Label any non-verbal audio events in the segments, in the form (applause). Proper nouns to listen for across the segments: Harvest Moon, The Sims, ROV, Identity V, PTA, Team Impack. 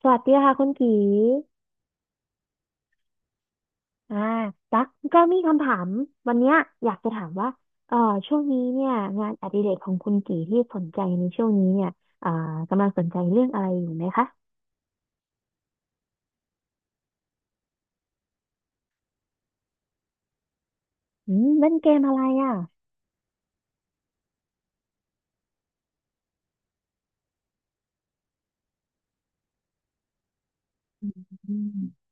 สวัสดีค่ะคุณกีอ่าตักก็มีคำถาม วันเนี้ยอยากจะถามว่าเอ่อช่วงนี้เนี่ยงานอดิเรกของคุณกีที่สนใจในช่วงนี้เนี่ยอ่ากำลังสนใจเรื่องอะไรอยู่ไหมคะอืมเล่นเกมอะไรอ่ะอืม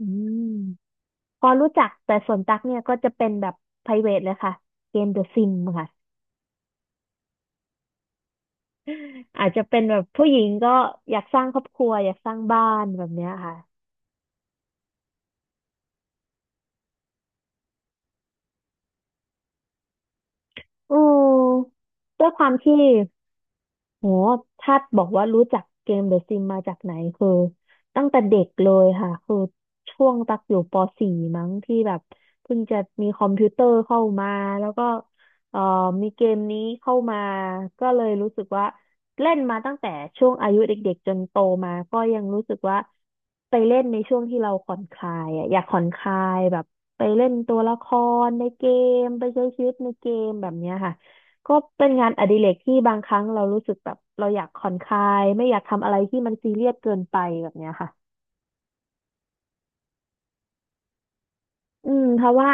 อืมพอรู้จักแต่ส่วนตักเนี่ยก็จะเป็นแบบ private เลยค่ะเกม The Sim ค่ะอาจจะเป็นแบบผู้หญิงก็อยากสร้างครอบครัวอยากสร้างบ้านแบบเนี้ยค่ะ อืมด้วยความที่ โหถ้าบอกว่ารู้จักเกมเดอะซิมมาจากไหนคือตั้งแต่เด็กเลยค่ะคือช่วงตักอยู่ป .4 มั้งที่แบบเพิ่งจะมีคอมพิวเตอร์เข้ามาแล้วก็เอ่อมีเกมนี้เข้ามาก็เลยรู้สึกว่าเล่นมาตั้งแต่ช่วงอายุเด็กๆจนโตมาก็ยังรู้สึกว่าไปเล่นในช่วงที่เราผ่อนคลายอะอยากผ่อนคลายแบบไปเล่นตัวละครในเกมไปใช้ชีวิตในเกมแบบเนี้ยค่ะ ก็เป็นงานอดิเรกที่บางครั้งเรารู้สึกแบบเราอยากผ่อนคลายไม่อยากทำอะไรที่มันซีเรียสเกินไปแบบเนี้ยค่ะอืมเพราะว่า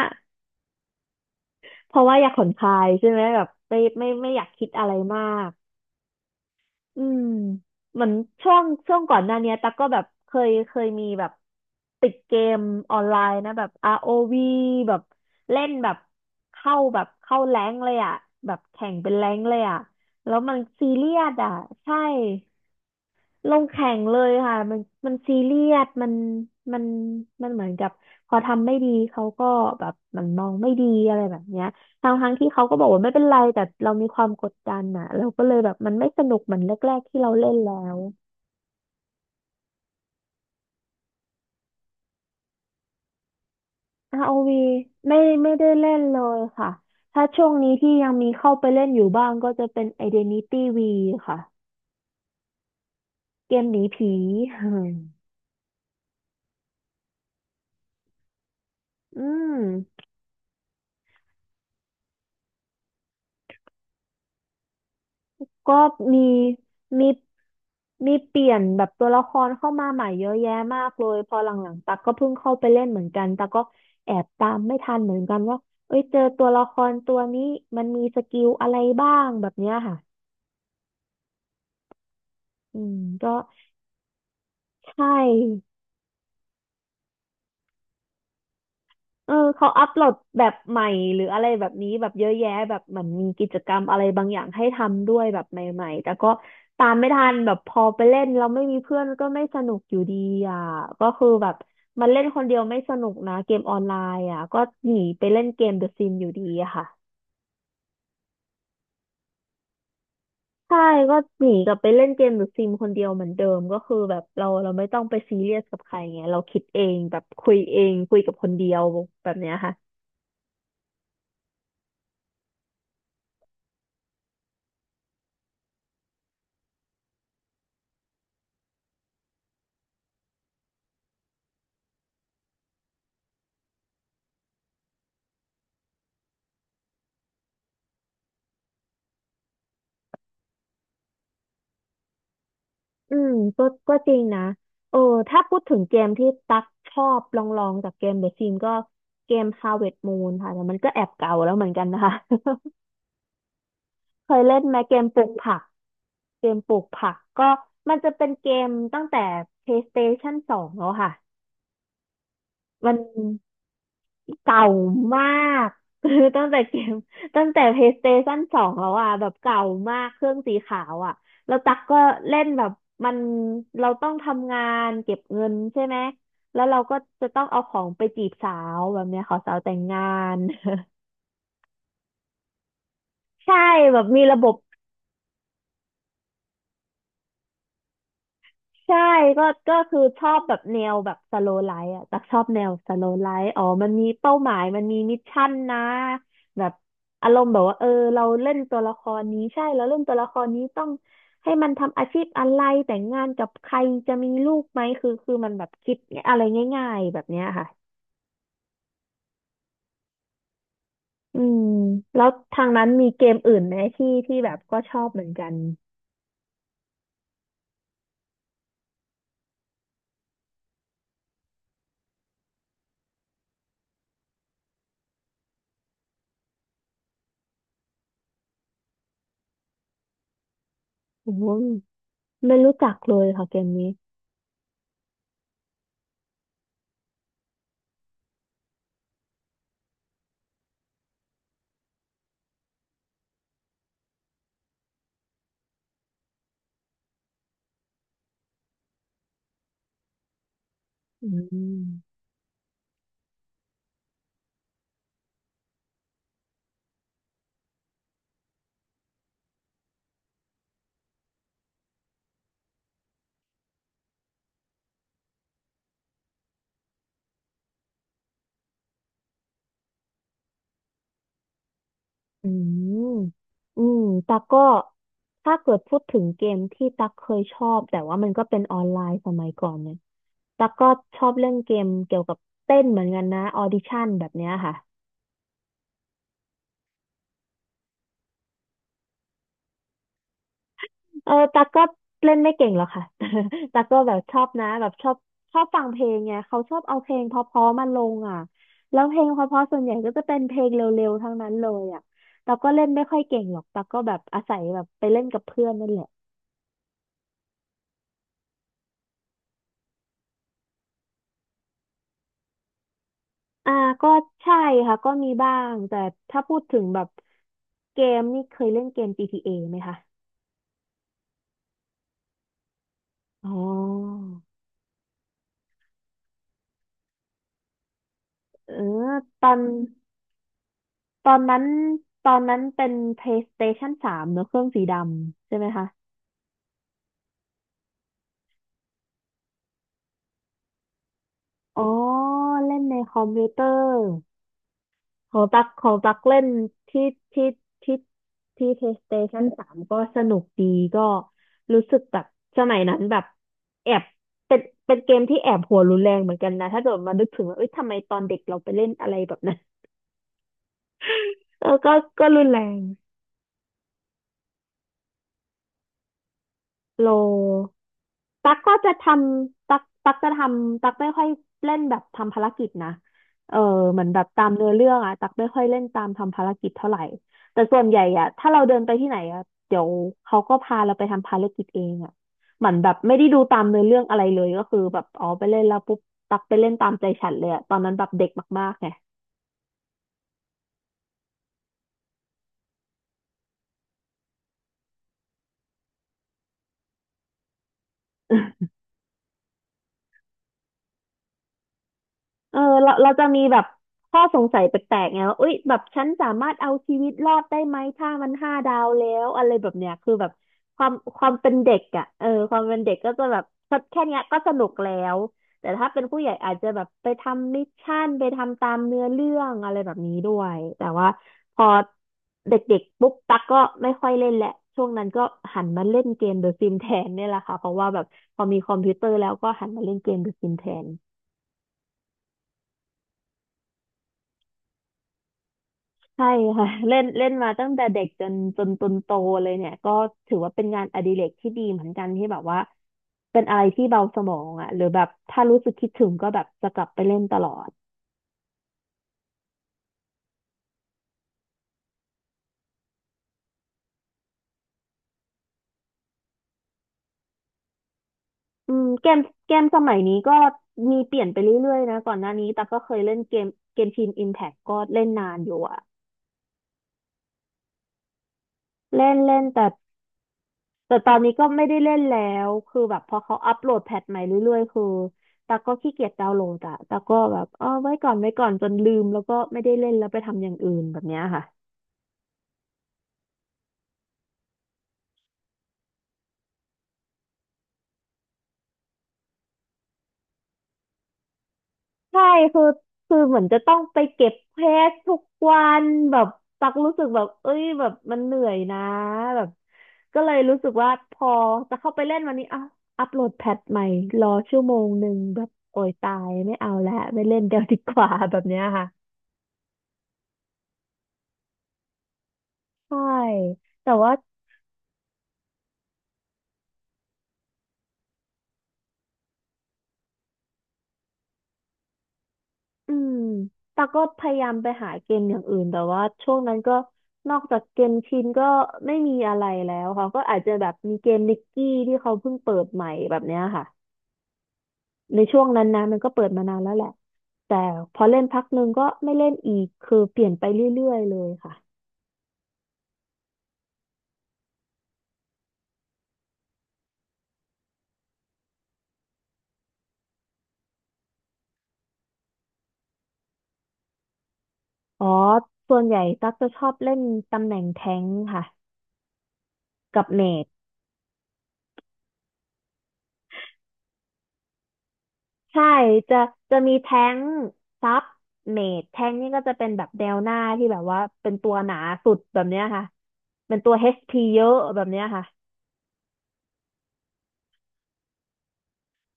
เพราะว่าอยากผ่อนคลายใช่ไหมแบบไม่อยากคิดอะไรมากอืมเหมือนช่วงก่อนหน้าเนี้ยตั๊กก็แบบเคยมีแบบติดเกมออนไลน์นะแบบ ROV แบบเล่นแบบเข้าแรงค์เลยอ่ะแบบแข่งเป็นแรงค์เลยอ่ะแล้วมันซีเรียสอ่ะใช่ ลงแข่งเลยค่ะมันซีเรียสมันมันเหมือนกับพอทำไม่ดีเขาก็แบบเหมันมองไม่ดีอะไรแบบเนี้ยทางทั้งที่เขาก็บอกว่าไม่เป็นไรแต่เรามีความกดดันอ่ะเราก็เลยแบบมันไม่สนุกเหมือนแรกๆที่เราเล่นแล้ว r วีไม่ได้เล่นเลยค่ะถ้าช่วงนี้ที่ยังมีเข้าไปเล่นอยู่บ้างก็จะเป็น Identity V ค่ะเกมหนีผี (laughs) อืม ก็มีมีมีเปลี่ยนแบบตัวละครเข้ามาใหม่เยอะแยะมากเลยพอหลังๆตักก็เพิ่งเข้าไปเล่นเหมือนกันตักก็แอบตามไม่ทันเหมือนกันว่าเอ้ยเจอตัวละครตัวนี้มันมีสกิลอะไรบ้างแบบเนี้ยค่ะอืมก็ใช่ เออเขาอัปโหลดแบบใหม่หรืออะไรแบบนี้แบบเยอะแยะแบบเหมือนมีกิจกรรมอะไรบางอย่างให้ทำด้วยแบบใหม่ๆแต่ก็ตามไม่ทันแบบพอไปเล่นเราไม่มีเพื่อนก็ไม่สนุกอยู่ดีอ่ะก็คือแบบมันเล่นคนเดียวไม่สนุกนะเกมออนไลน์อ่ะก็หนีไปเล่นเกมเดอะซิมอยู่ดีอะค่ะใช่ก็หนีกลับไปเล่นเกมหรือซิมคนเดียวเหมือนเดิมก็คือแบบเราไม่ต้องไปซีเรียสกับใครไงเราคิดเองแบบคุยเองคุยกับคนเดียวแบบเนี้ยค่ะ อืมก็ก็จริงนะเออถ้าพูดถึงเกมที่ตักชอบลองจากเกมเดอะซิมก็เกม Harvest Moon ค่ะแต่มันก็แอบเก่าแล้วเหมือนกันนะคะ (laughs) เคยเล่นไหมเกมปลูกผักเกมปลูกผักก็มันจะเป็นเกมตั้งแต่ PlayStation 2แล้วค่ะมัน เก่ามาก (laughs) คือตั้งแต่เกมตั้งแต่ PlayStation 2แล้วอ่ะแบบเก่ามากเครื่องสีขาวอ่ะแล้วตั๊กก็เล่นแบบมันเราต้องทำงานเก็บเงินใช่ไหมแล้วเราก็จะต้องเอาของไปจีบสาวแบบเนี้ยขอสาวแต่งงาน (laughs) ใช่แบบมีระบบ ใช่ก็ก็คือชอบแบบแนวแบบสโลไลฟ์อ่ะตักชอบแนวสโลไลฟ์อ๋อมันมีเป้าหมายมันมีมิชชั่นนะแบบอารมณ์แบบว่าเออเราเล่นตัวละครนี้ใช่เราเล่นตัวละครนี้ต้องให้มันทำอาชีพอะไรแต่งงานกับใครจะมีลูกไหมคือมันแบบคิดอะไรง่ายๆแบบเนี้ยค่ะอืมแล้วทางนั้นมีเกมอื่นไหมที่แบบก็ชอบเหมือนกันโอ้โหไม่รู้จักเลยค่ะเกมนี้อืม อืมอืมตักก็ถ้าเกิดพูดถึงเกมที่ตักเคยชอบแต่ว่ามันก็เป็นออนไลน์สมัยก่อนเนี่ยตักก็ชอบเล่นเกมเกี่ยวกับเต้นเหมือนกันนะออดิชั่นแบบเนี้ยค่ะเออตักก็เล่นไม่เก่งหรอกค่ะ (laughs) ตักก็แบบชอบนะแบบชอบฟังเพลงไงเขาชอบเอาเพลงเพราะๆมาลงอ่ะแล้วเพลงเพราะๆส่วนใหญ่ก็จะเป็นเพลงเร็วๆทั้งนั้นเลยอ่ะตักก็เล่นไม่ค่อยเก่งหรอกตักก็แบบอาศัยแบบไปเล่นกับเพื่อนนั่นแหละ อ่าก็ใช่ค่ะก็มีบ้างแต่ถ้าพูดถึงแบบเกมนี่เคยเล่นเกม PTA ไหมคะอ๋อเออตอนตอนนั้นตอนนั้นเป็น PlayStation 3เนอะเครื่องสีดำใช่ไหมคะอ๋อเล่นในคอมพิวเตอร์ ของตักของตักเล่นที่ที่ที่ที่ PlayStation 3ก็สนุกดีก็รู้สึกแบบสมัยนั้นแบบแอบเป็นเป็นเกมที่แอบหัวรุนแรงเหมือนกันนะถ้าเกิดมานึกถึงว่าเอ้ยทำไมตอนเด็กเราไปเล่นอะไรแบบนั้น (laughs) เออก็ก็รุนแรงโล ตักก็จะทำตักตักจะทำตักไม่ค่อยเล่นแบบทำภารกิจนะเออเหมือนแบบตามเนื้อเรื่องอะตักไม่ค่อยเล่นตามทำภารกิจเท่าไหร่แต่ส่วนใหญ่อะถ้าเราเดินไปที่ไหนอะเดี๋ยวเขาก็พาเราไปทำภารกิจเองอะเหมือนแบบไม่ได้ดูตามเนื้อเรื่องอะไรเลยก็คือแบบอ๋อไปเล่นแล้วปุ๊บตักไปเล่นตามใจฉันเลยอะตอนนั้นแบบเด็กมากๆไง เออเราเราจะมีแบบข้อสงสัยแปลกๆไงว่าเอ้ยแบบฉันสามารถเอาชีวิตรอดได้ไหมถ้ามันห้าดาวแล้วอะไรแบบเนี้ยคือแบบความความเป็นเด็กอ่ะเออความเป็นเด็กก็จะแบบแค่เนี้ยก็สนุกแล้วแต่ถ้าเป็นผู้ใหญ่อาจจะแบบไปทำมิชชั่นไปทำตามเนื้อเรื่องอะไรแบบนี้ด้วยแต่ว่าพอเด็กๆปุ๊บตักก็ไม่ค่อยเล่นแหละช่วงนั้นก็หันมาเล่นเกมเดอะซิมแทนเนี่ยแหละค่ะเพราะว่าแบบพอมีคอมพิวเตอร์แล้วก็หันมาเล่นเกมเดอะซิมแทน ใช่ค่ะ (laughs) เล่นเล่นมาตั้งแต่เด็กจนจนจนโตเลยเนี่ยก็ถือว่าเป็นงานอดิเรกที่ดีเหมือนกันที่แบบว่าเป็นอะไรที่เบาสมองอ่ะหรือแบบถ้ารู้สึกคิดถึงก็แบบจะกลับไปเล่นตลอดอืมเกมเกมสมัยนี้ก็มีเปลี่ยนไปเรื่อยๆนะก่อนหน้านี้แต่ก็เคยเล่นเกมเกมทีมอิมแพคก็เล่นนานอยู่อ่ะเล่นเล่นแต่ แต่ตอนนี้ก็ไม่ได้เล่นแล้วคือแบบพอเขาอัปโหลดแพทใหม่เรื่อยๆคือตาก็ขี้เกียจดาวน์โหลดอะตากก็แบบเออไว้ก่อนไว้ก่อนจนลืมแล้วก็ไม่ได้เล่นแล้วไปทำอย่างอื่นแบบเนี้ยค่ะใช่คือคือเหมือนจะต้องไปเก็บเพจทุกวันแบบตักรู้สึกแบบเอ้ยแบบมันเหนื่อยนะแบบก็เลยรู้สึกว่าพอจะเข้าไปเล่นวันนี้อ่ะอัปโหลดแพทใหม่รอชั่วโมงหนึ่งแบบโอยตายไม่เอาแล้วไม่เล่น (laughs) เดี๋ยวดีกว่าแบบเนี้ยค่ะใช่แต่ว่า อืมแต่ก็พยายามไปหาเกมอย่างอื่นแต่ว่าช่วงนั้นก็นอกจากเกมชินก็ไม่มีอะไรแล้วค่ะก็อาจจะแบบมีเกมนิกกี้ที่เขาเพิ่งเปิดใหม่แบบเนี้ยค่ะในช่วงนั้นนะมันก็เปิดมานานแล้วแหละแต่พอเล่นพักหนึ่งก็ไม่เล่นอีกคือเปลี่ยนไปเรื่อยๆเลยค่ะอ๋อส่วนใหญ่ตั๊กจะชอบเล่นตำแหน่งแทงค์ค่ะกับเมจ ใช่จะจะมีแท้งซับเมดแท้งนี่ก็จะเป็นแบบแนวหน้าที่แบบว่าเป็นตัวหนาสุดแบบเนี้ยค่ะเป็นตัว HP เยอะแบบเนี้ยค่ะ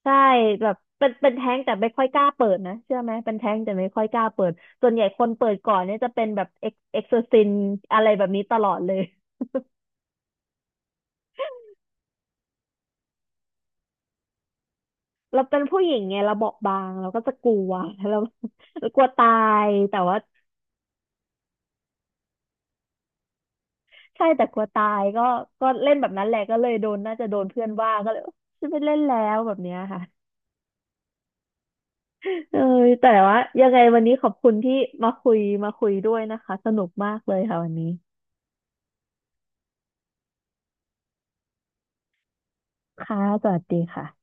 ใช่แบบเป็นเป็นแท้งแต่ไม่ค่อยกล้าเปิดนะเชื่อไหมเป็นแท้งแต่ไม่ค่อยกล้าเปิดส่วนใหญ่คนเปิดก่อนเนี่ยจะเป็นแบบเอ็กเอ็กซ์ซินอะไรแบบนี้ตลอดเลยเราเป็นผู้หญิงไงเราเบาะบางเราก็จะกลัว (laughs) เราเรากลัวตายแต่ว่า ใช่แต่กลัวตายก็ก็เล่นแบบนั้นแหละก็เลยโดนน่าจะโดนเพื่อนว่าก็เลยฉันไม่เล่นแล้วแบบเนี้ยค่ะเออแต่ว่ายังไงวันนี้ขอบคุณที่มาคุยมาคุยด้วยนะคะสนุกมากเลยค่ะวันนี้ค่ะสวัสดีค่ะ